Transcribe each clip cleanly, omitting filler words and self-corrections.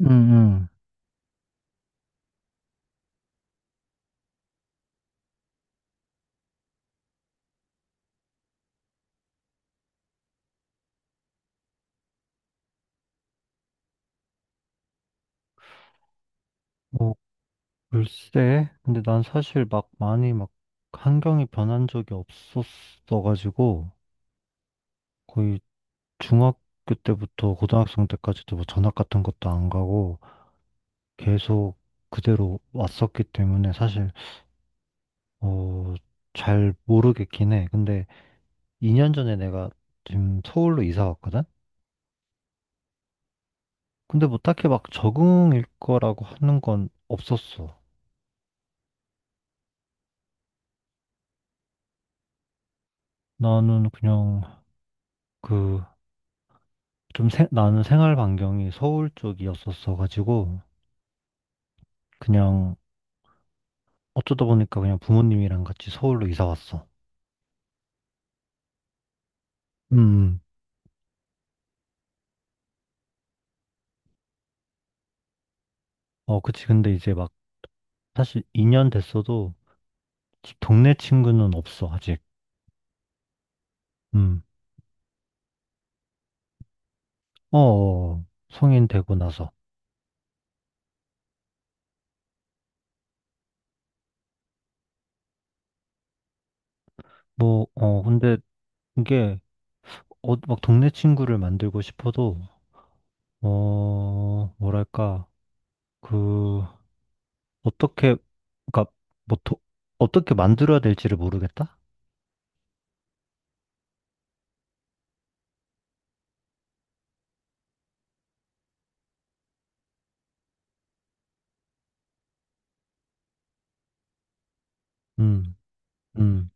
음, 음. 뭐, 글쎄. 근데 난 사실 막 많이 막 환경이 변한 적이 없었어가지고, 거의 중학교 때부터 고등학생 때까지도 뭐 전학 같은 것도 안 가고, 계속 그대로 왔었기 때문에 사실, 어, 잘 모르겠긴 해. 근데 2년 전에 내가 지금 서울로 이사 왔거든? 근데 뭐 딱히 막 적응일 거라고 하는 건 없었어. 나는 그냥 그 나는 생활 반경이 서울 쪽이었었어 가지고 그냥 어쩌다 보니까 그냥 부모님이랑 같이 서울로 이사 왔어. 음. 어, 그치. 근데 이제 막 사실 2년 됐어도 동네 친구는 없어 아직. 음. 어, 어, 성인 되고 나서. 뭐, 어, 근데 이게 막 동네 친구를 만들고 싶어도 뭐랄까 그 어떻게, 그러니까 뭐 도- 어떻게 만들어야 될지를 모르겠다? 음, 음,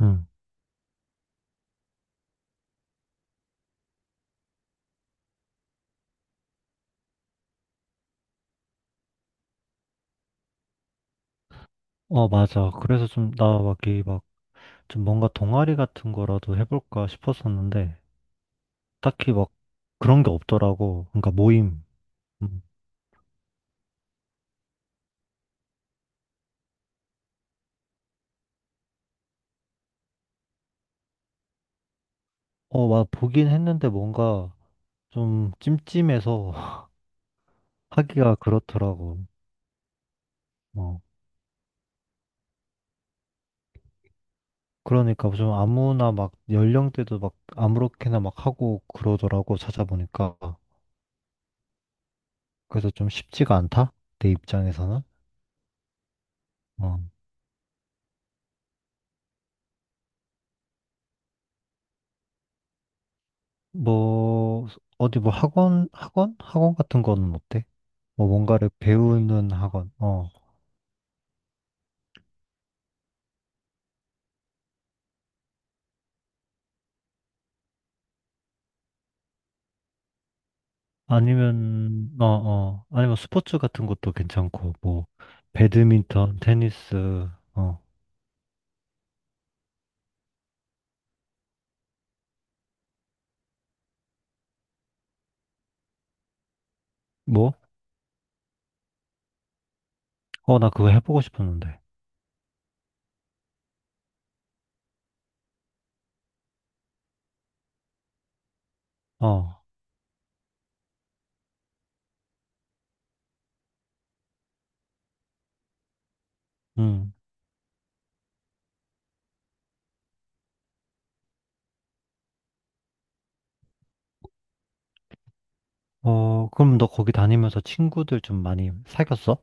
음. 어, 맞아. 그래서 좀, 나 막, 이 막, 좀 뭔가 동아리 같은 거라도 해볼까 싶었었는데, 딱히 막, 그런 게 없더라고. 그러니까 모임. 음. 어, 막 보긴 했는데 뭔가 좀 찜찜해서 하기가 그렇더라고. 어. 그러니까 좀 아무나 막 연령대도 막 아무렇게나 막 하고 그러더라고 찾아보니까. 그래서 좀 쉽지가 않다. 내 입장에서는. 어. 뭐 어디 뭐 학원 같은 거는 어때? 뭐 뭔가를 배우는 학원. 어. 아니면 어 어. 아니면 스포츠 같은 것도 괜찮고 뭐 배드민턴, 테니스 어. 뭐? 어, 나 그거 해보고 싶었는데. 어, 응. 어, 그럼 너 거기 다니면서 친구들 좀 많이 사귀었어?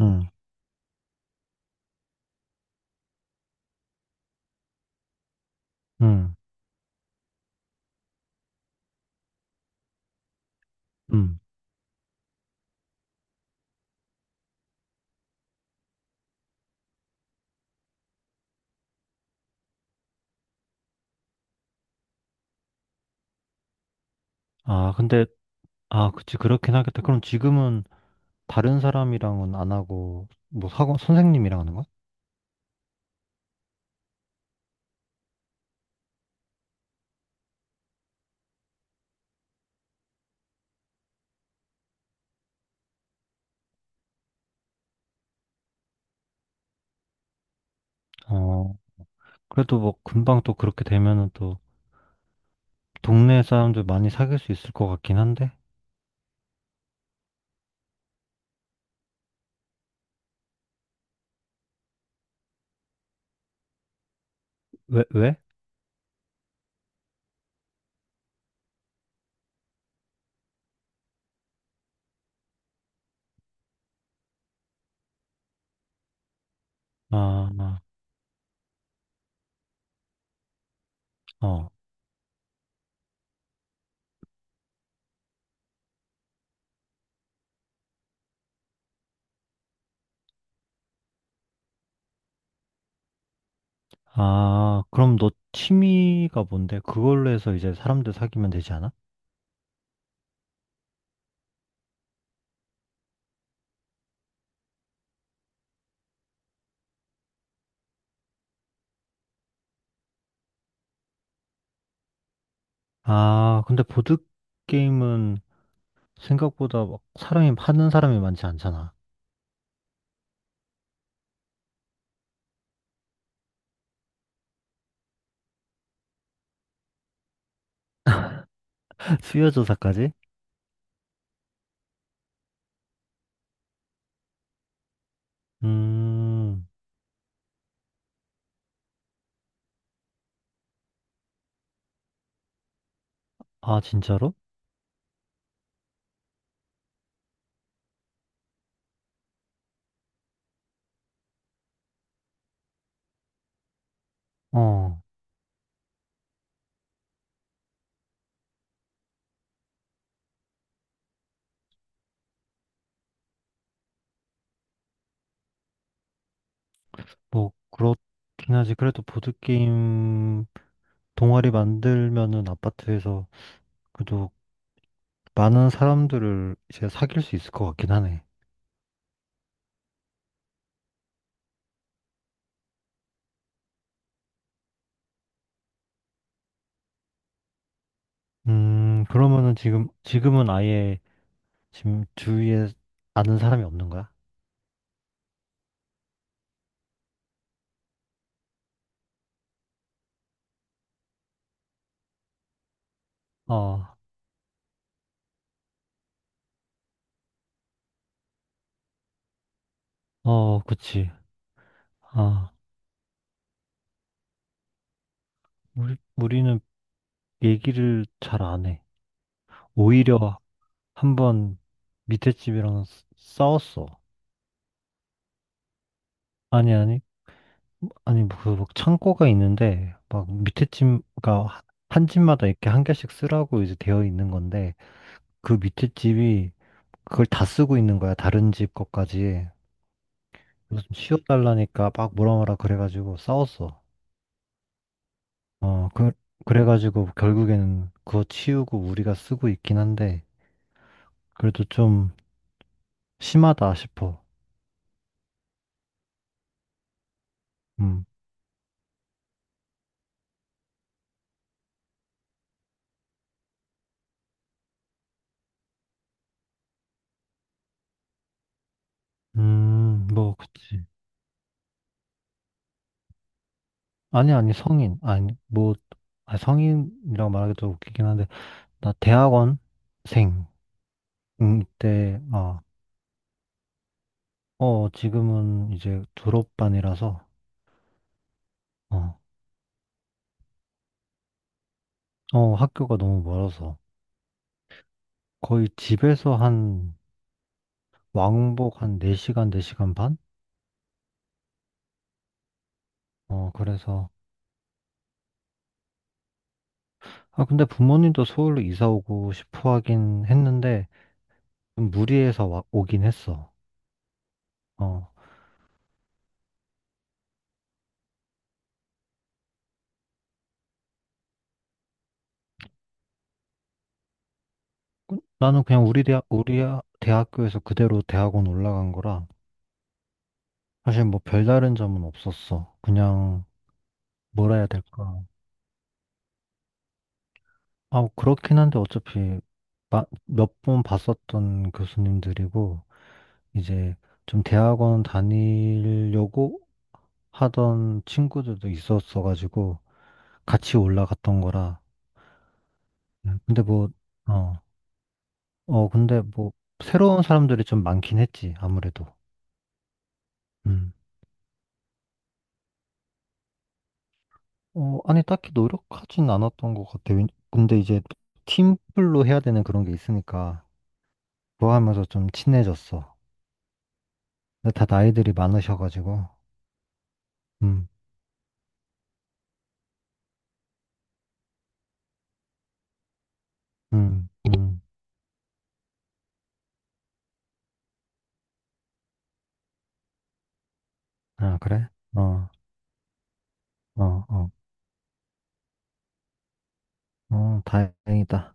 응, 응, 응. 아, 근데, 아, 그치, 그렇긴 하겠다. 그럼 지금은 다른 사람이랑은 안 하고, 뭐, 사고, 선생님이랑 하는 거야? 어, 그래도 뭐, 금방 또 그렇게 되면은 또, 동네 사람들 많이 사귈 수 있을 것 같긴 한데? 왜, 왜? 아, 아, 어. 아, 그럼 너 취미가 뭔데? 그걸로 해서 이제 사람들 사귀면 되지 않아? 아, 근데 보드게임은 생각보다 막 사람이, 하는 사람이 많지 않잖아. 수요조사까지? 음, 아, 진짜로? 어, 뭐, 그렇긴 하지. 그래도 보드게임 동아리 만들면은 아파트에서 그래도 많은 사람들을 이제 사귈 수 있을 것 같긴 하네. 그러면은 지금은 아예 지금 주위에 아는 사람이 없는 거야? 어, 어, 그치. 아, 우리는 얘기를 잘 안 해. 오히려 한 번 밑에 집이랑 싸웠어. 아니, 아니, 아니, 뭐 그, 막 창고가 있는데, 막 밑에 집, 그니까 한 집마다 이렇게 한 개씩 쓰라고 이제 되어 있는 건데, 그 밑에 집이 그걸 다 쓰고 있는 거야. 다른 집 것까지. 그래서 좀 치워달라니까 막 뭐라 뭐라 그래가지고 싸웠어. 어, 그, 그래가지고 결국에는 그거 치우고 우리가 쓰고 있긴 한데, 그래도 좀 심하다 싶어. 음, 뭐, 그치. 아니, 아니, 성인. 아니, 뭐, 아, 성인이라고 말하기도 웃기긴 한데, 나 대학원생. 때, 아, 어, 지금은 이제 졸업반이라서, 어, 어, 학교가 너무 멀어서, 거의 집에서 한, 왕복 한 4시간, 4시간 반? 어, 그래서, 아, 근데 부모님도 서울로 이사 오고 싶어 하긴 했는데, 좀 무리해서 오긴 했어. 어, 나는 그냥 우리 아, 대학교에서 그대로 대학원 올라간 거라, 사실 뭐 별다른 점은 없었어. 그냥 뭐라 해야 될까. 아, 뭐 그렇긴 한데 어차피 몇 번 봤었던 교수님들이고, 이제 좀 대학원 다니려고 하던 친구들도 있었어가지고, 같이 올라갔던 거라. 근데 뭐, 어, 어, 근데 뭐, 새로운 사람들이 좀 많긴 했지, 아무래도. 음. 어, 아니, 딱히 노력하진 않았던 것 같아. 근데 이제 팀플로 해야 되는 그런 게 있으니까. 좋아하면서 좀 친해졌어. 근데 다 나이들이 많으셔가지고, 음, 음, 음. 아, 그래? 어, 어, 어, 어, 다행이다.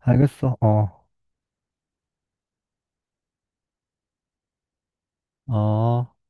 알겠어, 어, 어.